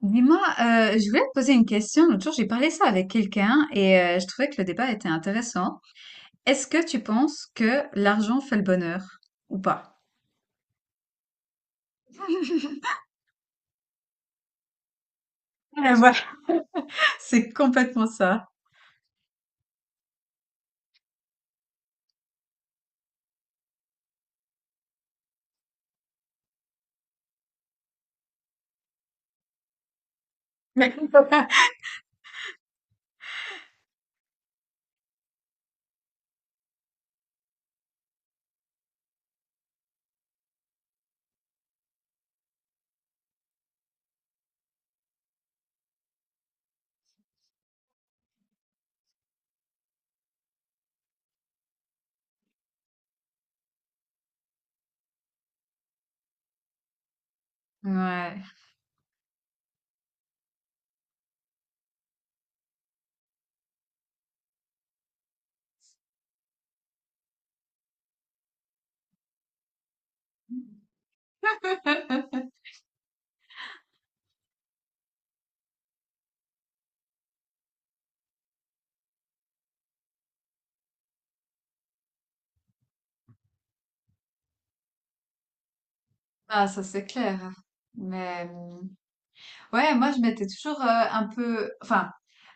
Dis-moi, je voulais te poser une question. L'autre jour, j'ai parlé ça avec quelqu'un et je trouvais que le débat était intéressant. Est-ce que tu penses que l'argent fait le bonheur ou pas? Ouais. C'est complètement ça. Mais- Ouais. Ah, ça c'est clair. Mais ouais, moi je m'étais toujours un peu, enfin,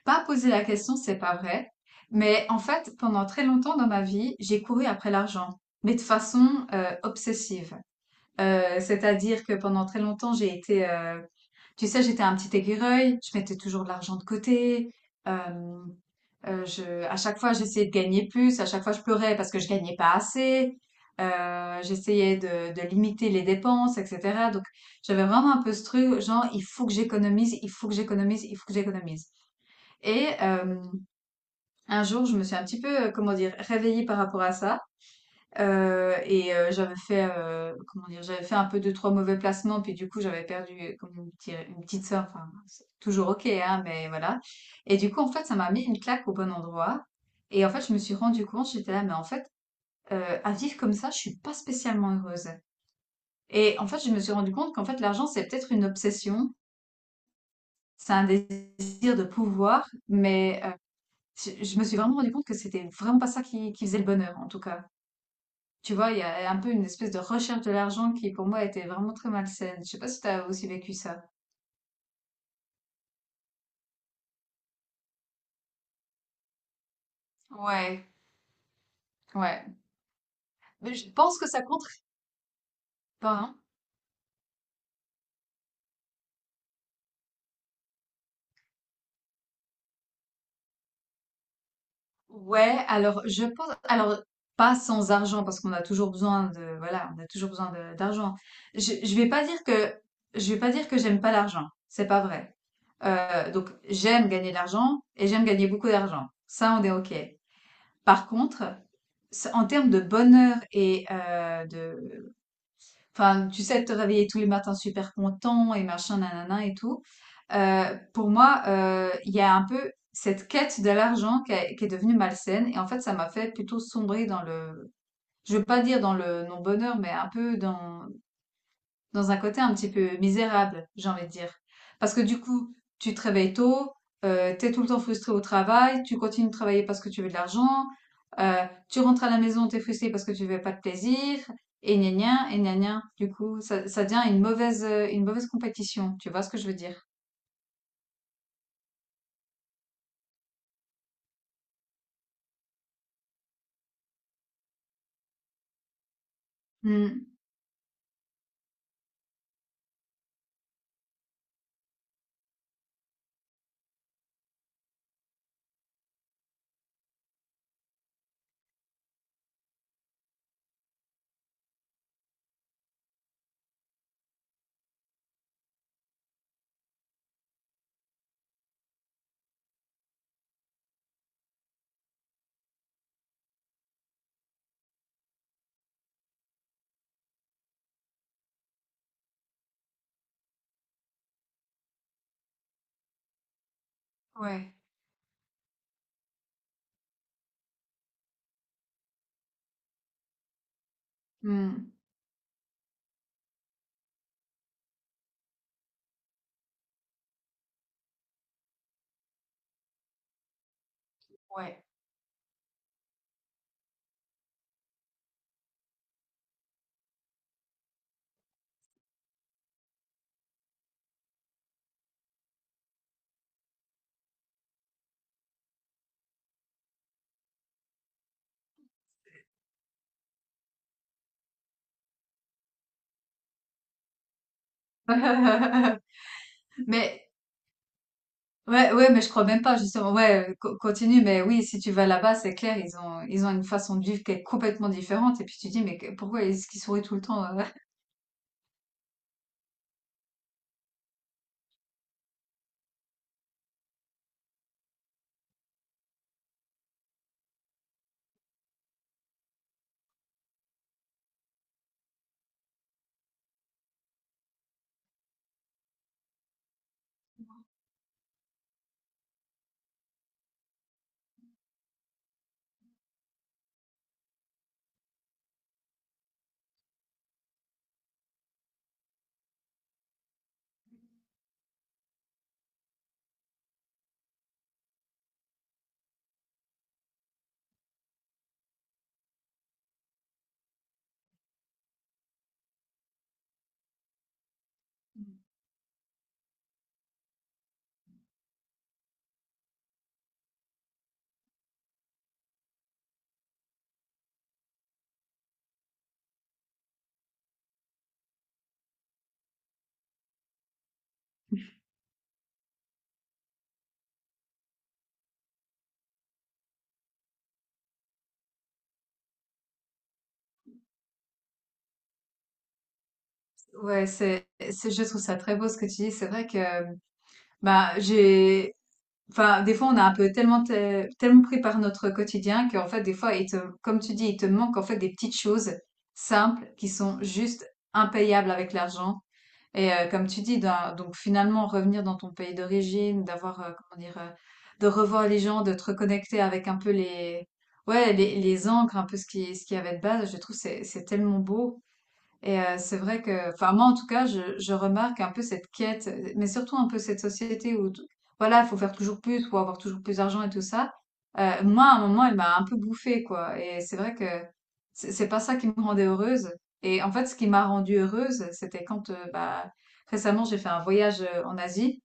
pas posé la question, c'est pas vrai. Mais en fait, pendant très longtemps dans ma vie, j'ai couru après l'argent, mais de façon obsessive. C'est-à-dire que pendant très longtemps, j'ai été, tu sais, j'étais un petit écureuil, je mettais toujours de l'argent de côté, hem, je à chaque fois, j'essayais de gagner plus, à chaque fois, je pleurais parce que je gagnais pas assez, heu, j'essayais de limiter les dépenses et cetera, donc j'avais vraiment un peu ce truc genre: «Il faut que j'économise, il faut que j'économise, il faut que j'économise», et un jour, je me suis un petit peu, comment dire, réveillée par rapport à ça. J'avais comment dire? J'avais fait un peu deux trois mauvais placements, puis du coup, j'avais perdu comme une petite somme, enfin, c'est toujours OK, hein, mais voilà, et du coup, en fait, ça m'a mis une claque au bon endroit, et en fait, je me suis rendu compte, j'étais là: «Mais en fait, à vivre comme ça, je suis pas spécialement heureuse.» Et en fait, je me suis rendu compte qu'en fait, l'argent, c'est peut-être une obsession, c'est un désir de pouvoir, mais je me suis vraiment rendu compte que c'était vraiment pas ça qui faisait le bonheur, en tout cas. Tu vois, il y a un peu une espèce de recherche de l'argent qui, pour moi, était vraiment très malsaine. Je sais pas si t'as aussi vécu ça. Ouais. Ouais. Mais je pense que ça contribue pas, hein. Ouais. Alors, je pense, alors, pas sans argent, parce qu'on a toujours besoin de, voilà, on a toujours besoin de- d'argent. Je vais pas dire que, je vais pas dire que j'aime pas l'argent. C'est pas vrai. Donc, j'aime gagner de l'argent et j'aime gagner beaucoup d'argent. Ça, on est OK. Par contre, ça- en termes de bonheur et de, enfin, tu sais, te réveiller tous les matins super content et machin, nanana et tout. Pour moi, il y a un peu cette quête de l'argent qui, a- qui est devenue malsaine. Et en fait, ça m'a fait plutôt sombrer dans le, je veux pas dire dans le non-bonheur, mais un peu dans, dans un côté un petit peu misérable, j'ai envie de dire. Parce que du coup, tu te réveilles tôt, t'es tout le temps frustré au travail, tu continues de travailler parce que tu veux de l'argent, euh, tu rentres à la maison, t'es frustré parce que tu veux pas de plaisir, et gna gna, et gna gna. Du coup, ça devient une mauvaise, une mauvaise compétition. Tu vois ce que je veux dire? Hmm, ouais. Hmm. Ouais. Mais ouais, ouais, mais je crois même pas, justement. Ouais, co- continue, mais oui, si tu vas là-bas, c'est clair, ils ont une façon de vivre qui est complètement différente. Et puis tu dis, mais que- pourquoi est-ce qu'ils sourient tout le temps? Ouais, c'est, je trouve ça très beau ce que tu dis. C'est vrai que, bah, j'ai, enfin, des fois, on a un peu tellement, te- tellement pris par notre quotidien qu'en fait, des fois, il te, comme tu dis, il te manque en fait des petites choses simples qui sont juste impayables avec l'argent. Et comme tu dis, d'un- donc finalement, revenir dans ton pays d'origine, comment dire? De revoir les gens, de te reconnecter avec un peu les, ouais, les ancres, un peu ce qui, ce qu'il y avait de base, je trouve que c'est tellement beau. Et c'est vrai que, enfin, moi en tout cas, je remarque un peu cette quête, mais surtout un peu cette société où t voilà, faut faire toujours plus, faut avoir toujours plus d'argent et tout ça. Moi à un moment, elle m'a un peu bouffée, quoi, et c'est vrai que c'est pas ça qui me rendait heureuse, et en fait, ce qui m'a rendue heureuse, c'était quand, récemment, j'ai fait un voyage, en Asie,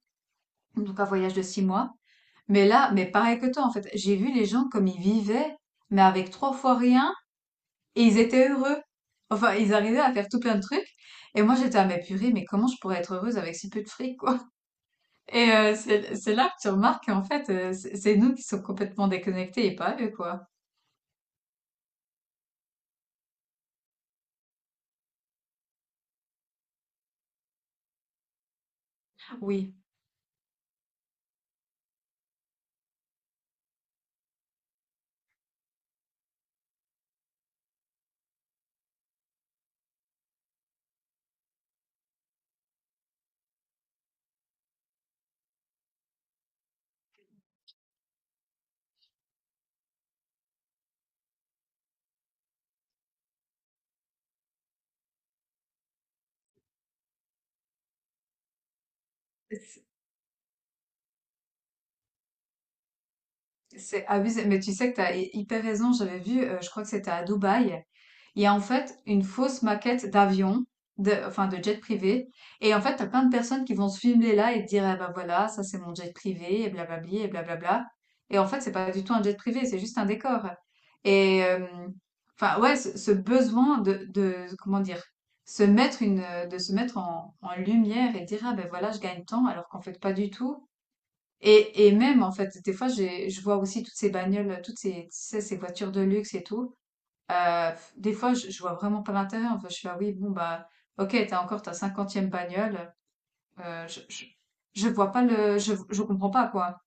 donc un voyage de 6 mois. Mais là, mais pareil que toi en fait, j'ai vu les gens comme ils vivaient, mais avec 3 fois rien, et ils étaient heureux. Enfin, ils arrivaient à faire tout plein de trucs. Et moi, j'étais à mais purée, mais comment je pourrais être heureuse avec si peu de fric, quoi? Et c'est là que tu remarques qu'en fait, c'est nous qui sommes complètement déconnectés et pas eux, quoi. Oui, c'est c'est abusé. Mais tu sais que tu as hyper raison. J'avais vu, je crois que c'était à Dubaï. Il y a en fait une fausse maquette d'avion, de, enfin, de jet privé. Et en fait, t'as plein de personnes qui vont se filmer là et te dire, ah bah voilà, ça c'est mon jet privé, et blablabli, et blablabla. Et en fait, c'est pas du tout un jet privé, c'est juste un décor. Et enfin, ouais, ce besoin de, comment dire, se mettre une, de se mettre en, en lumière et dire, ah ben voilà, je gagne tant, alors qu'en fait, pas du tout. Et même, en fait, des fois, j'ai, je vois aussi toutes ces bagnoles, toutes ces, tu sais, ces voitures de luxe et tout. Des fois, je vois vraiment pas l'intérêt. Enfin, je suis là, oui, bon, bah, ok, t'as encore ta cinquantième bagnole. Je, je vois pas le, je comprends pas, quoi.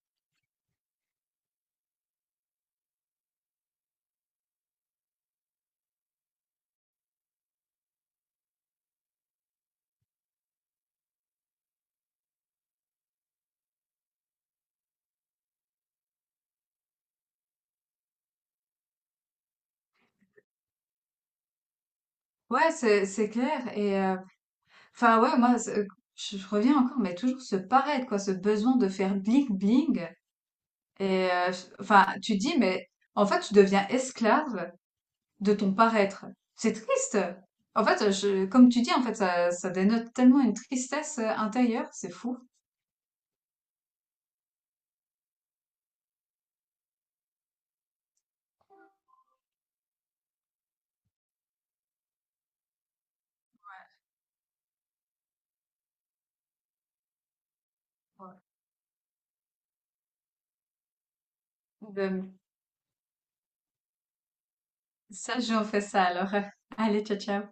Ouais, c'est clair. Enfin, ouais, moi, c'est- je reviens encore, mais toujours ce paraître, quoi, ce besoin de faire bling-bling. Et, euh, enfin, tu dis, mais en fait, tu deviens esclave de ton paraître. C'est triste. En fait, je, comme tu dis, en fait, ça dénote tellement une tristesse intérieure, c'est fou. Ouais. Ça joue, on fait ça alors. Allez, ciao, ciao.